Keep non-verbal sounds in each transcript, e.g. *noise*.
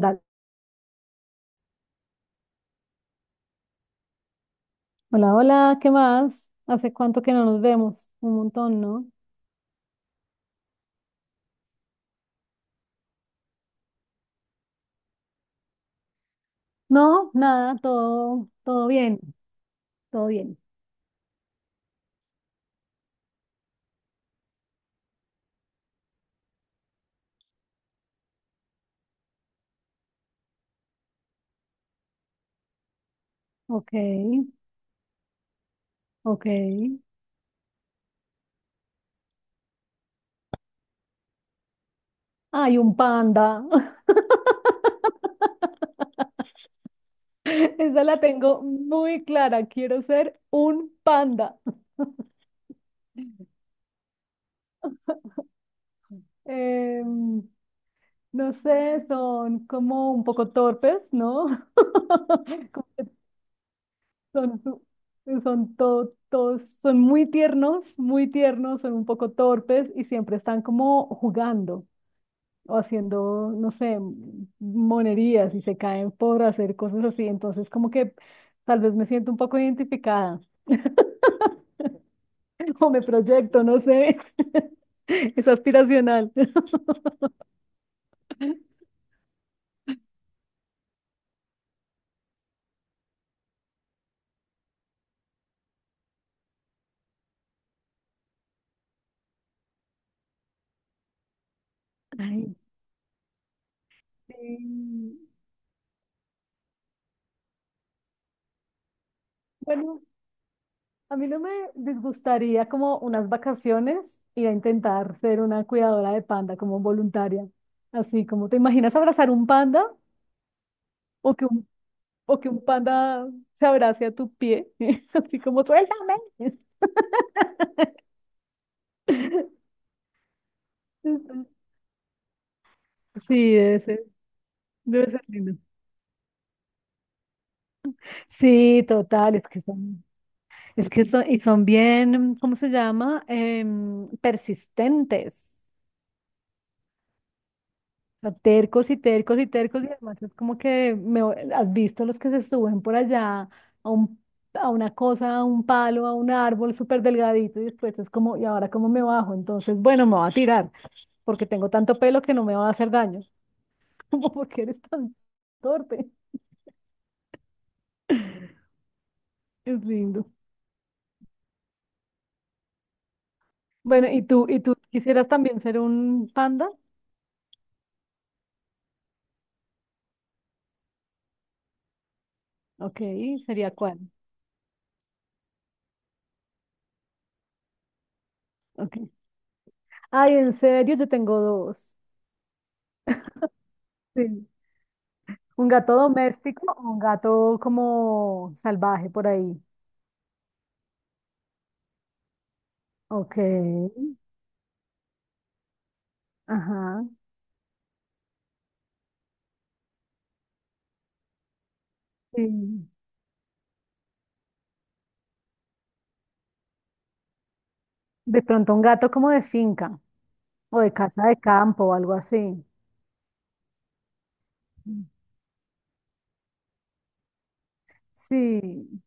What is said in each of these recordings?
Dale. Hola, hola, ¿qué más? ¿Hace cuánto que no nos vemos? Un montón, ¿no? No, nada, todo bien, todo bien. Ok, ok. Ay, un panda. *laughs* Esa la tengo muy clara. Quiero ser un panda. Em, no sé, son como un poco torpes, ¿no? *laughs* Como Son, su- son to- Todos, son muy tiernos, son un poco torpes y siempre están como jugando. O haciendo, no sé, monerías y se caen por hacer cosas así. Entonces, como que tal vez me siento un poco identificada. *laughs* O me proyecto, no sé. *laughs* Es aspiracional. Ay. *laughs* Sí. Bueno, a mí no me disgustaría como unas vacaciones ir a intentar ser una cuidadora de panda como voluntaria. Así como te imaginas abrazar un panda o que un, o que un panda se abrace a tu pie, *laughs* así como suéltame. *laughs* Sí, debe ser lindo. Sí, total, es que son, y son bien, ¿cómo se llama? Persistentes. O sea, tercos y tercos y tercos, y además es como que me, has visto los que se suben por allá a un, a una cosa, a un palo, a un árbol súper delgadito, y después es como, ¿y ahora cómo me bajo? Entonces, bueno, me voy a tirar, porque tengo tanto pelo que no me va a hacer daño. *laughs* Como porque eres tan torpe. Es lindo. Bueno, ¿Y tú quisieras también ser un panda? Ok, ¿sería cuál? Ok. Ay, en serio, yo tengo dos. Sí. Un gato doméstico o un gato como salvaje por ahí. Ok, ajá. Sí. De pronto un gato como de finca o de casa de campo o algo así. Sí,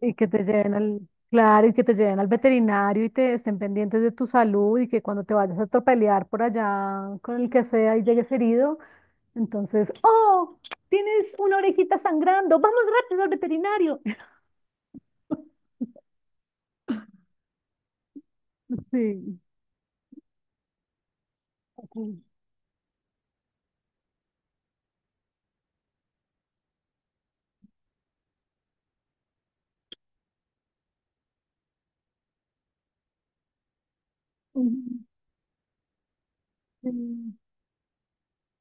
y que te lleven al, claro, y que te lleven al veterinario y te estén pendientes de tu salud y que cuando te vayas a atropellar por allá con el que sea y llegues herido, entonces, oh, tienes una orejita sangrando, vamos rápido al veterinario. *laughs* Sí. Mm, sí.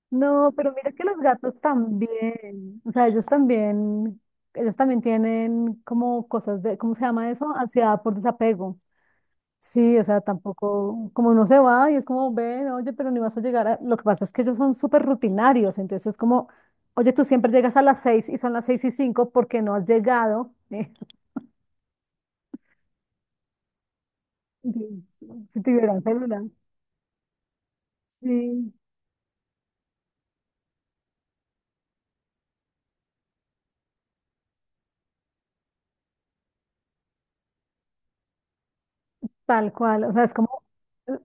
No, pero mira que los gatos también, o sea, ellos también tienen como cosas de, ¿cómo se llama eso? Ansiedad por desapego. Sí, o sea, tampoco, como uno se va y es como, ven, oye, pero ni vas a llegar a. Lo que pasa es que ellos son súper rutinarios, entonces es como, oye, tú siempre llegas a las 6 y son las 6:05 porque no has llegado. *laughs* Dios. Si tuvieran celular. Sí, tal cual. O sea, es como eh,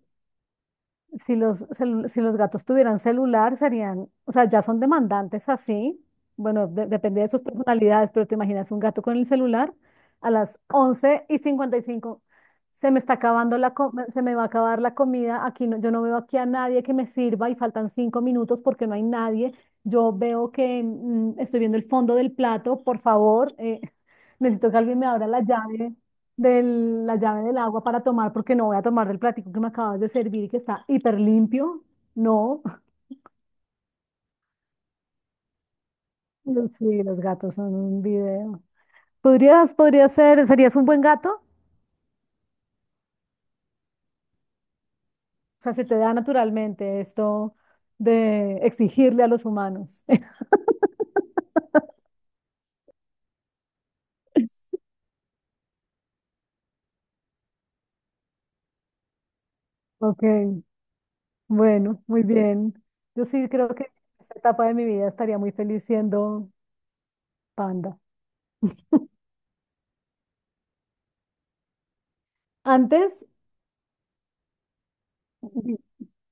si los gatos tuvieran celular, serían, o sea, ya son demandantes así. Bueno, depende de sus personalidades, pero te imaginas un gato con el celular a las 11:55. Se me está acabando se me va a acabar la comida. Aquí no, yo no veo aquí a nadie que me sirva y faltan 5 minutos porque no hay nadie. Yo veo que estoy viendo el fondo del plato, por favor. *laughs* Necesito que alguien me abra la llave de la llave del agua para tomar, porque no voy a tomar del platico que me acabas de servir y que está hiper limpio. No, *laughs* sí, los gatos son un video. ¿ Serías un buen gato? O sea, se te da naturalmente esto de exigirle a los humanos. *laughs* Ok, bueno, muy bien. Yo sí creo que en esta etapa de mi vida estaría muy feliz siendo panda. *laughs* Antes,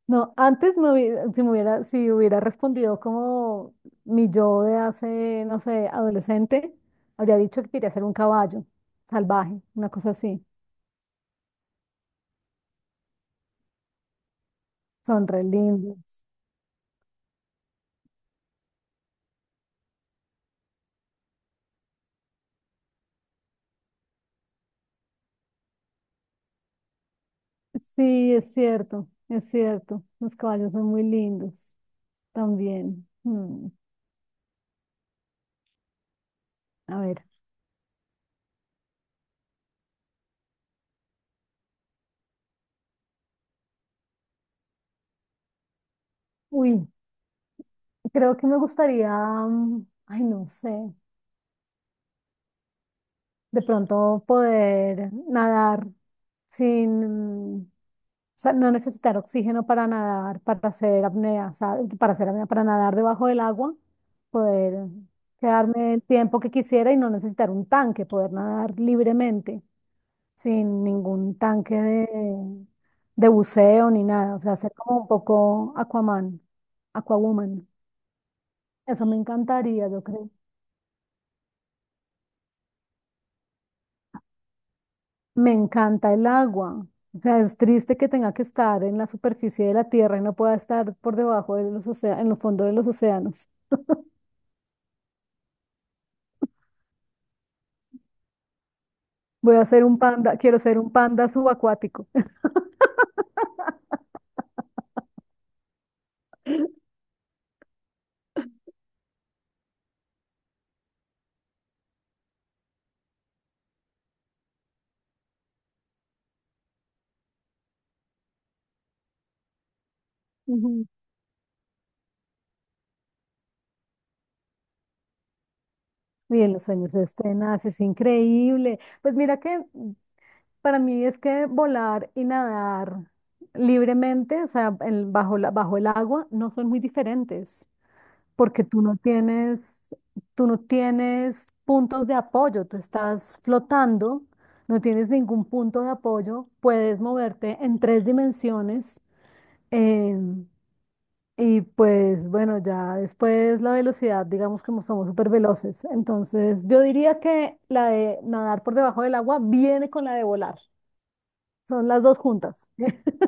no, antes si hubiera respondido como mi yo de hace, no sé, adolescente, habría dicho que quería ser un caballo salvaje, una cosa así. Son re lindos. Sí, es cierto, es cierto. Los caballos son muy lindos también. A ver. Uy, creo que me gustaría, ay, no sé, de pronto poder nadar sin, sea, no necesitar oxígeno para nadar, para hacer apnea, ¿sabes? Para hacer apnea, para nadar debajo del agua, poder quedarme el tiempo que quisiera y no necesitar un tanque, poder nadar libremente, sin ningún tanque de buceo ni nada. O sea, ser como un poco Aquaman, Aquawoman. Eso me encantaría, yo creo. Me encanta el agua. O sea, es triste que tenga que estar en la superficie de la tierra y no pueda estar por debajo de los océanos, en los fondos de los océanos. Voy a ser un panda, quiero ser un panda subacuático. *laughs* Ujú. Y en los sueños este nace, es increíble. Pues mira que para mí es que volar y nadar libremente, o sea, bajo el agua, no son muy diferentes, porque tú no tienes puntos de apoyo, tú estás flotando, no tienes ningún punto de apoyo, puedes moverte en 3 dimensiones. eh, Y pues bueno, ya después la velocidad, digamos como somos súper veloces. Entonces yo diría que la de nadar por debajo del agua viene con la de volar. Son las dos juntas. *laughs*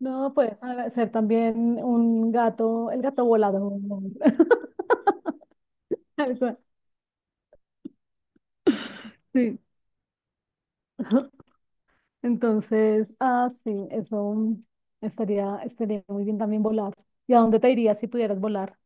No, puedes ser también un gato, el gato volador. *laughs* Eso. Sí. Entonces, ah, sí, eso estaría muy bien también volar. ¿Y a dónde te irías si pudieras volar?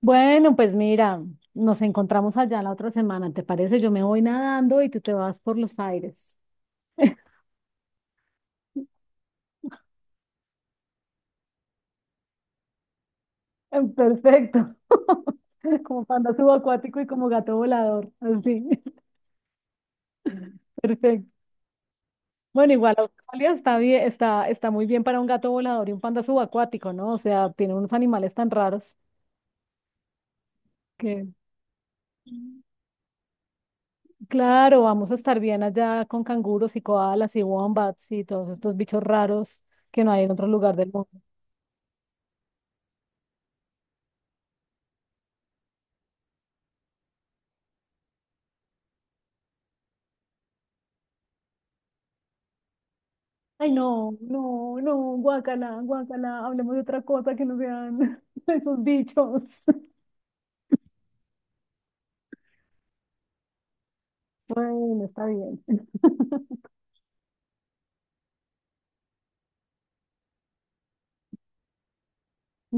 Bueno, pues mira, nos encontramos allá la otra semana, ¿te parece? Yo me voy nadando y tú te vas por los aires. *laughs* Perfecto. *laughs* Como panda subacuático y como gato volador, así. *laughs* Perfecto. Bueno, igual Australia está bien, está muy bien para un gato volador y un panda subacuático, ¿no? O sea, tiene unos animales tan raros que, claro, vamos a estar bien allá con canguros y koalas y wombats y todos estos bichos raros que no hay en otro lugar del mundo. Ay, no, no, no, guácala, guácala, hablemos de otra cosa que no sean *laughs* esos bichos. *laughs* Bueno, está bien. *laughs*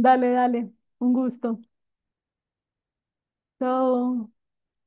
Dale, dale, un gusto. Chao.